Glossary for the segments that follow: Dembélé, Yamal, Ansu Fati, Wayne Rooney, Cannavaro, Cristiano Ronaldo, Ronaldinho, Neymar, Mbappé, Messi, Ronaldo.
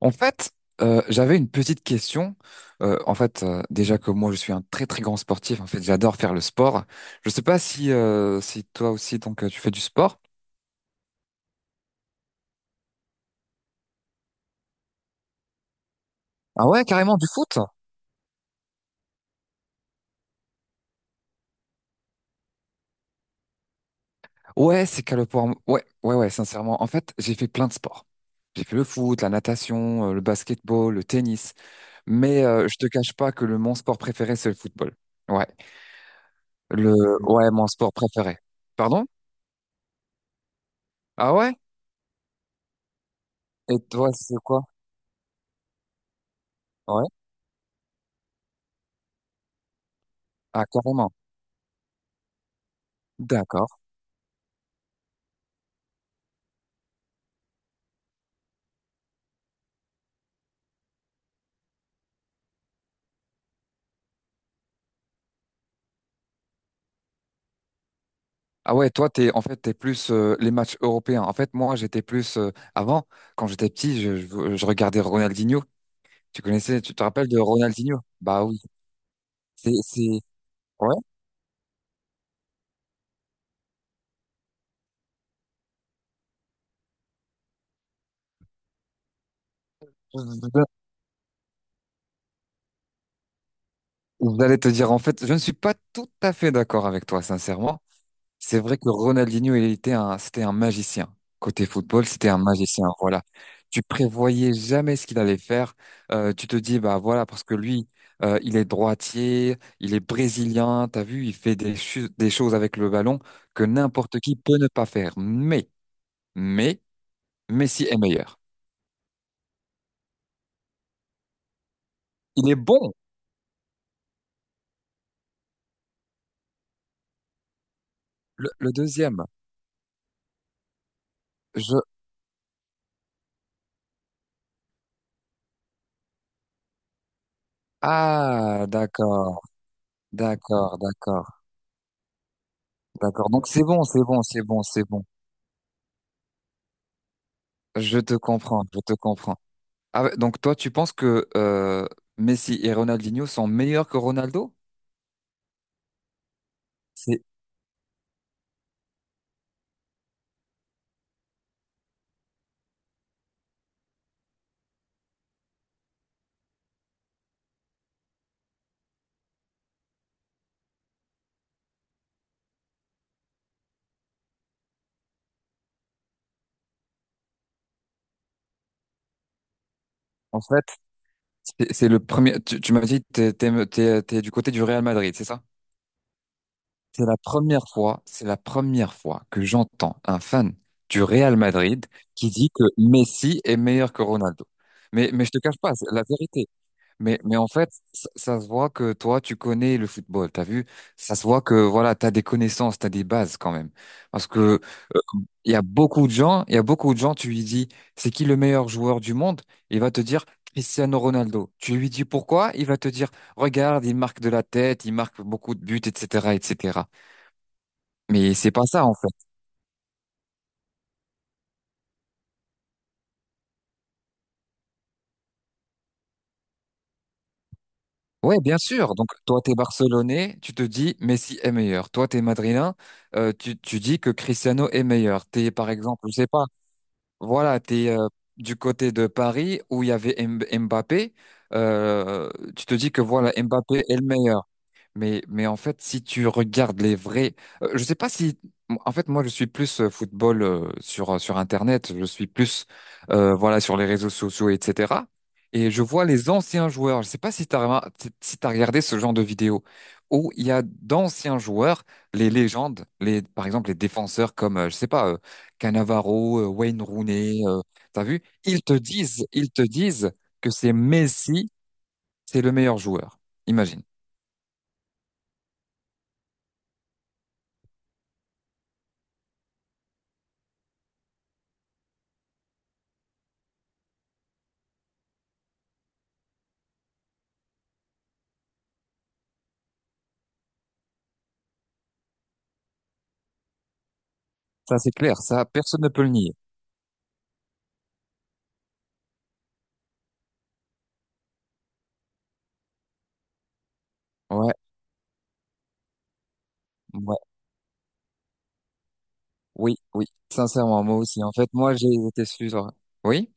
En fait, j'avais une petite question. En fait, déjà que moi, je suis un très très grand sportif. En fait, j'adore faire le sport. Je sais pas si toi aussi, donc tu fais du sport. Ah ouais, carrément du foot. Ouais, c'est qu'à le pour. Ouais, ouais, ouais. Sincèrement, en fait, j'ai fait plein de sports. J'ai fait le foot, la natation, le basketball, le tennis. Mais je te cache pas que le mon sport préféré, c'est le football. Ouais, le ouais, mon sport préféré. Pardon? Ah ouais? Et toi, c'est quoi? Ouais. Ah carrément. D'accord. Ah ouais, toi, t'es plus les matchs européens. En fait, moi, j'étais plus, avant, quand j'étais petit, je regardais Ronaldinho. Tu connaissais, tu te rappelles de Ronaldinho? Bah oui, c'est, c'est, ouais. Vous allez te dire, en fait, je ne suis pas tout à fait d'accord avec toi, sincèrement. C'est vrai que Ronaldinho, c'était un magicien. Côté football, c'était un magicien. Voilà. Tu prévoyais jamais ce qu'il allait faire. Tu te dis, bah voilà, parce que lui, il est droitier, il est brésilien. T'as vu, il fait des choses avec le ballon que n'importe qui peut ne pas faire. Mais, Messi est meilleur. Il est bon. Le deuxième, je, ah, d'accord, d'accord, d'accord, d'accord. Donc c'est bon, c'est bon, c'est bon, c'est bon. Je te comprends, je te comprends. Ah ouais, donc toi, tu penses que Messi et Ronaldinho sont meilleurs que Ronaldo? C'est En fait, c'est le premier. Tu m'as dit que t'es du côté du Real Madrid, c'est ça? C'est la première fois, c'est la première fois que j'entends un fan du Real Madrid qui dit que Messi est meilleur que Ronaldo. Mais je te cache pas, c'est la vérité. Mais en fait, ça se voit que toi, tu connais le football, t'as vu? Ça se voit que, voilà, t'as des connaissances, t'as des bases quand même. Parce que, euh, il y a beaucoup de gens, tu lui dis, c'est qui le meilleur joueur du monde? Il va te dire Cristiano Ronaldo. Tu lui dis pourquoi? Il va te dire, regarde, il marque de la tête, il marque beaucoup de buts, etc., etc. Mais c'est pas ça, en fait. Ouais, bien sûr. Donc, toi, t'es Barcelonais, tu te dis Messi est meilleur. Toi, t'es Madrilène, tu dis que Cristiano est meilleur. T'es, par exemple, je sais pas. Voilà, t'es du côté de Paris où il y avait Mbappé. euh, Tu te dis que voilà, Mbappé est le meilleur. Mais en fait, si tu regardes les vrais, je sais pas si, en fait, moi, je suis plus football sur Internet, je suis plus voilà sur les réseaux sociaux, etc. Et je vois les anciens joueurs. Je sais pas si t'as regardé ce genre de vidéo où il y a d'anciens joueurs, les légendes, les par exemple les défenseurs comme je sais pas Cannavaro, Wayne Rooney, t'as vu? Ils te disent que c'est Messi, c'est le meilleur joueur. Imagine. Ça, c'est clair, ça, personne ne peut le nier. Ouais, ouais, oui, oui, sincèrement, moi aussi. En fait, moi, j'ai été sur... Oui?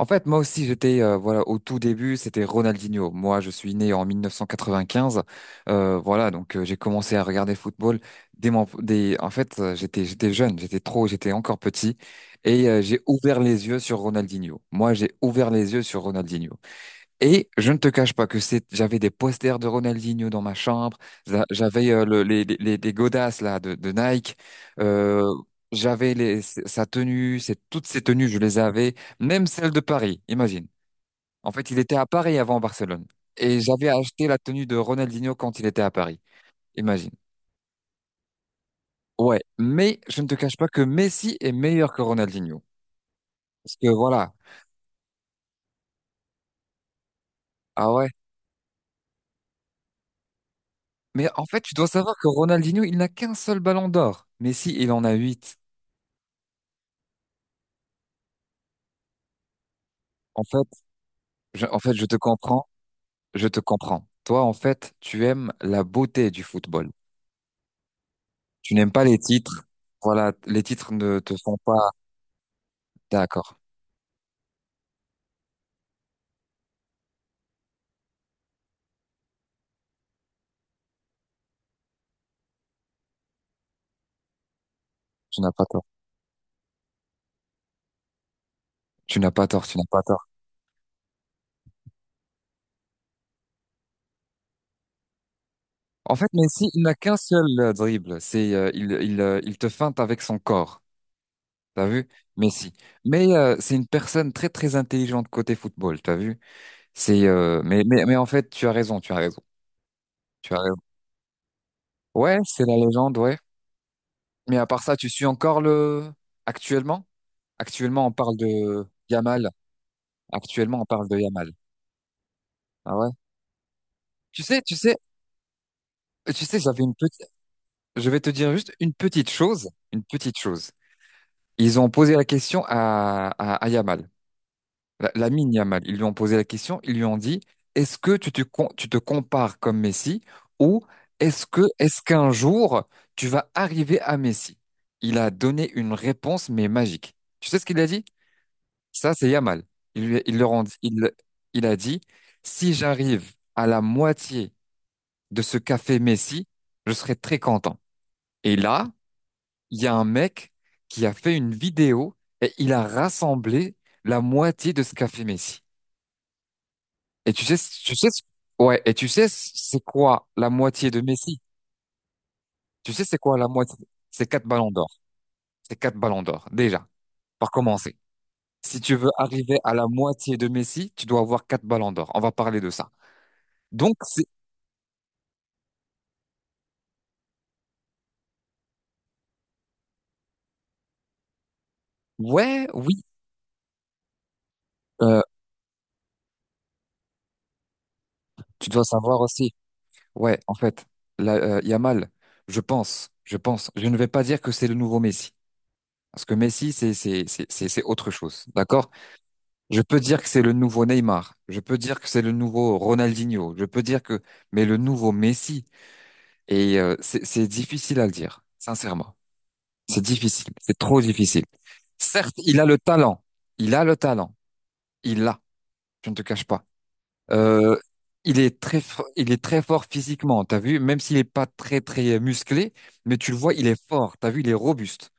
En fait, moi aussi, voilà, au tout début, c'était Ronaldinho. Moi, je suis né en 1995. Voilà, donc j'ai commencé à regarder le football En fait, j'étais jeune, j'étais trop, j'étais encore petit. Et j'ai ouvert les yeux sur Ronaldinho. Moi, j'ai ouvert les yeux sur Ronaldinho. Et je ne te cache pas j'avais des posters de Ronaldinho dans ma chambre, j'avais les godasses là de Nike, euh, toutes ses tenues, je les avais, même celle de Paris, imagine. En fait, il était à Paris avant Barcelone. Et j'avais acheté la tenue de Ronaldinho quand il était à Paris, imagine. Ouais, mais je ne te cache pas que Messi est meilleur que Ronaldinho. Parce que voilà, ah ouais. Mais en fait, tu dois savoir que Ronaldinho, il n'a qu'un seul ballon d'or. Messi, il en a huit. En fait, je te comprends, je te comprends. Toi, en fait, tu aimes la beauté du football. Tu n'aimes pas les titres. Voilà, les titres ne te font pas. D'accord, tu n'as pas tort. Tu n'as pas tort, tu n'as pas tort. En fait, Messi, il n'a qu'un seul dribble. Il te feinte avec son corps. T'as vu? Messi. Mais c'est une personne très, très intelligente côté football. T'as vu? Mais en fait, tu as raison, tu as raison. Tu as raison. Ouais, c'est la légende, ouais. Mais à part ça, tu suis encore actuellement? Actuellement, on parle de Yamal. Actuellement, on parle de Yamal. Ah ouais. Tu sais, tu sais, Tu sais, je vais te dire juste une petite chose, une petite chose. Ils ont posé la question à Yamal, la mine Yamal. Ils lui ont posé la question, ils lui ont dit, est-ce que tu te compares comme Messi ou est-ce qu'un jour tu vas arriver à Messi? Il a donné une réponse, mais magique. Tu sais ce qu'il a dit? Ça, c'est Yamal. Il, lui- il, le rend, Il a dit, si j'arrive à la moitié de ce café Messi, je serai très content. Et là, il y a un mec qui a fait une vidéo et il a rassemblé la moitié de ce café Messi. Et ouais, et tu sais, c'est quoi la moitié de Messi? Tu sais, c'est quoi la moitié? C'est quatre ballons d'or. C'est quatre ballons d'or, déjà, par commencer. Si tu veux arriver à la moitié de Messi, tu dois avoir quatre ballons d'or. On va parler de ça. Donc, c'est Ouais, oui, euh, tu dois savoir aussi. Ouais, en fait, là, Yamal, je pense, je ne vais pas dire que c'est le nouveau Messi, parce que Messi, c'est autre chose, d'accord? Je peux dire que c'est le nouveau Neymar, je peux dire que c'est le nouveau Ronaldinho, je peux dire que, mais le nouveau Messi, et c'est difficile à le dire, sincèrement, c'est difficile, c'est trop difficile. Certes, il a le talent, il a le talent, il l'a, je ne te cache pas. Euh, il est très fort physiquement, t'as vu? Même s'il est pas très, très musclé, mais tu le vois, il est fort, t'as vu? Il est robuste.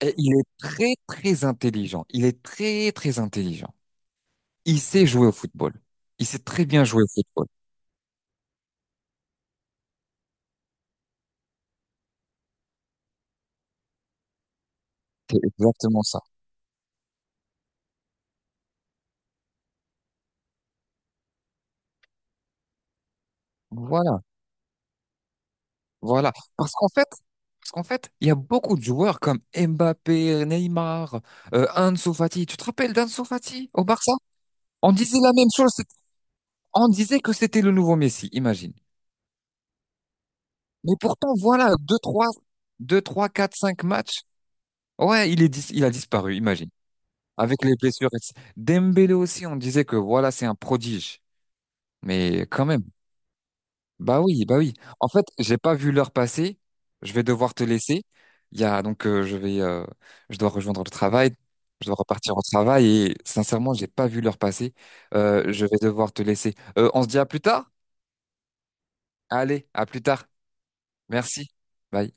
Et il est très, très intelligent. Il est très, très intelligent. Il sait jouer au football. Il sait très bien jouer au football. C'est exactement ça. Voilà, voilà. Parce qu'en fait, Parce qu'en fait, il y a beaucoup de joueurs comme Mbappé, Neymar, Ansu Fati. Tu te rappelles d'Ansu Fati au Barça? On disait la même chose. On disait que c'était le nouveau Messi, imagine. Mais pourtant, voilà, deux 3 4 5 matchs. Ouais, il a disparu, imagine. Avec les blessures, etc. Dembélé aussi, on disait que voilà, c'est un prodige. Mais quand même. Bah oui, bah oui. En fait, j'ai pas vu l'heure passer. Je vais devoir te laisser. Il y a, donc, Je dois rejoindre le travail. Je dois repartir au travail et sincèrement, j'ai pas vu l'heure passer. Je vais devoir te laisser. On se dit à plus tard? Allez, à plus tard. Merci. Bye.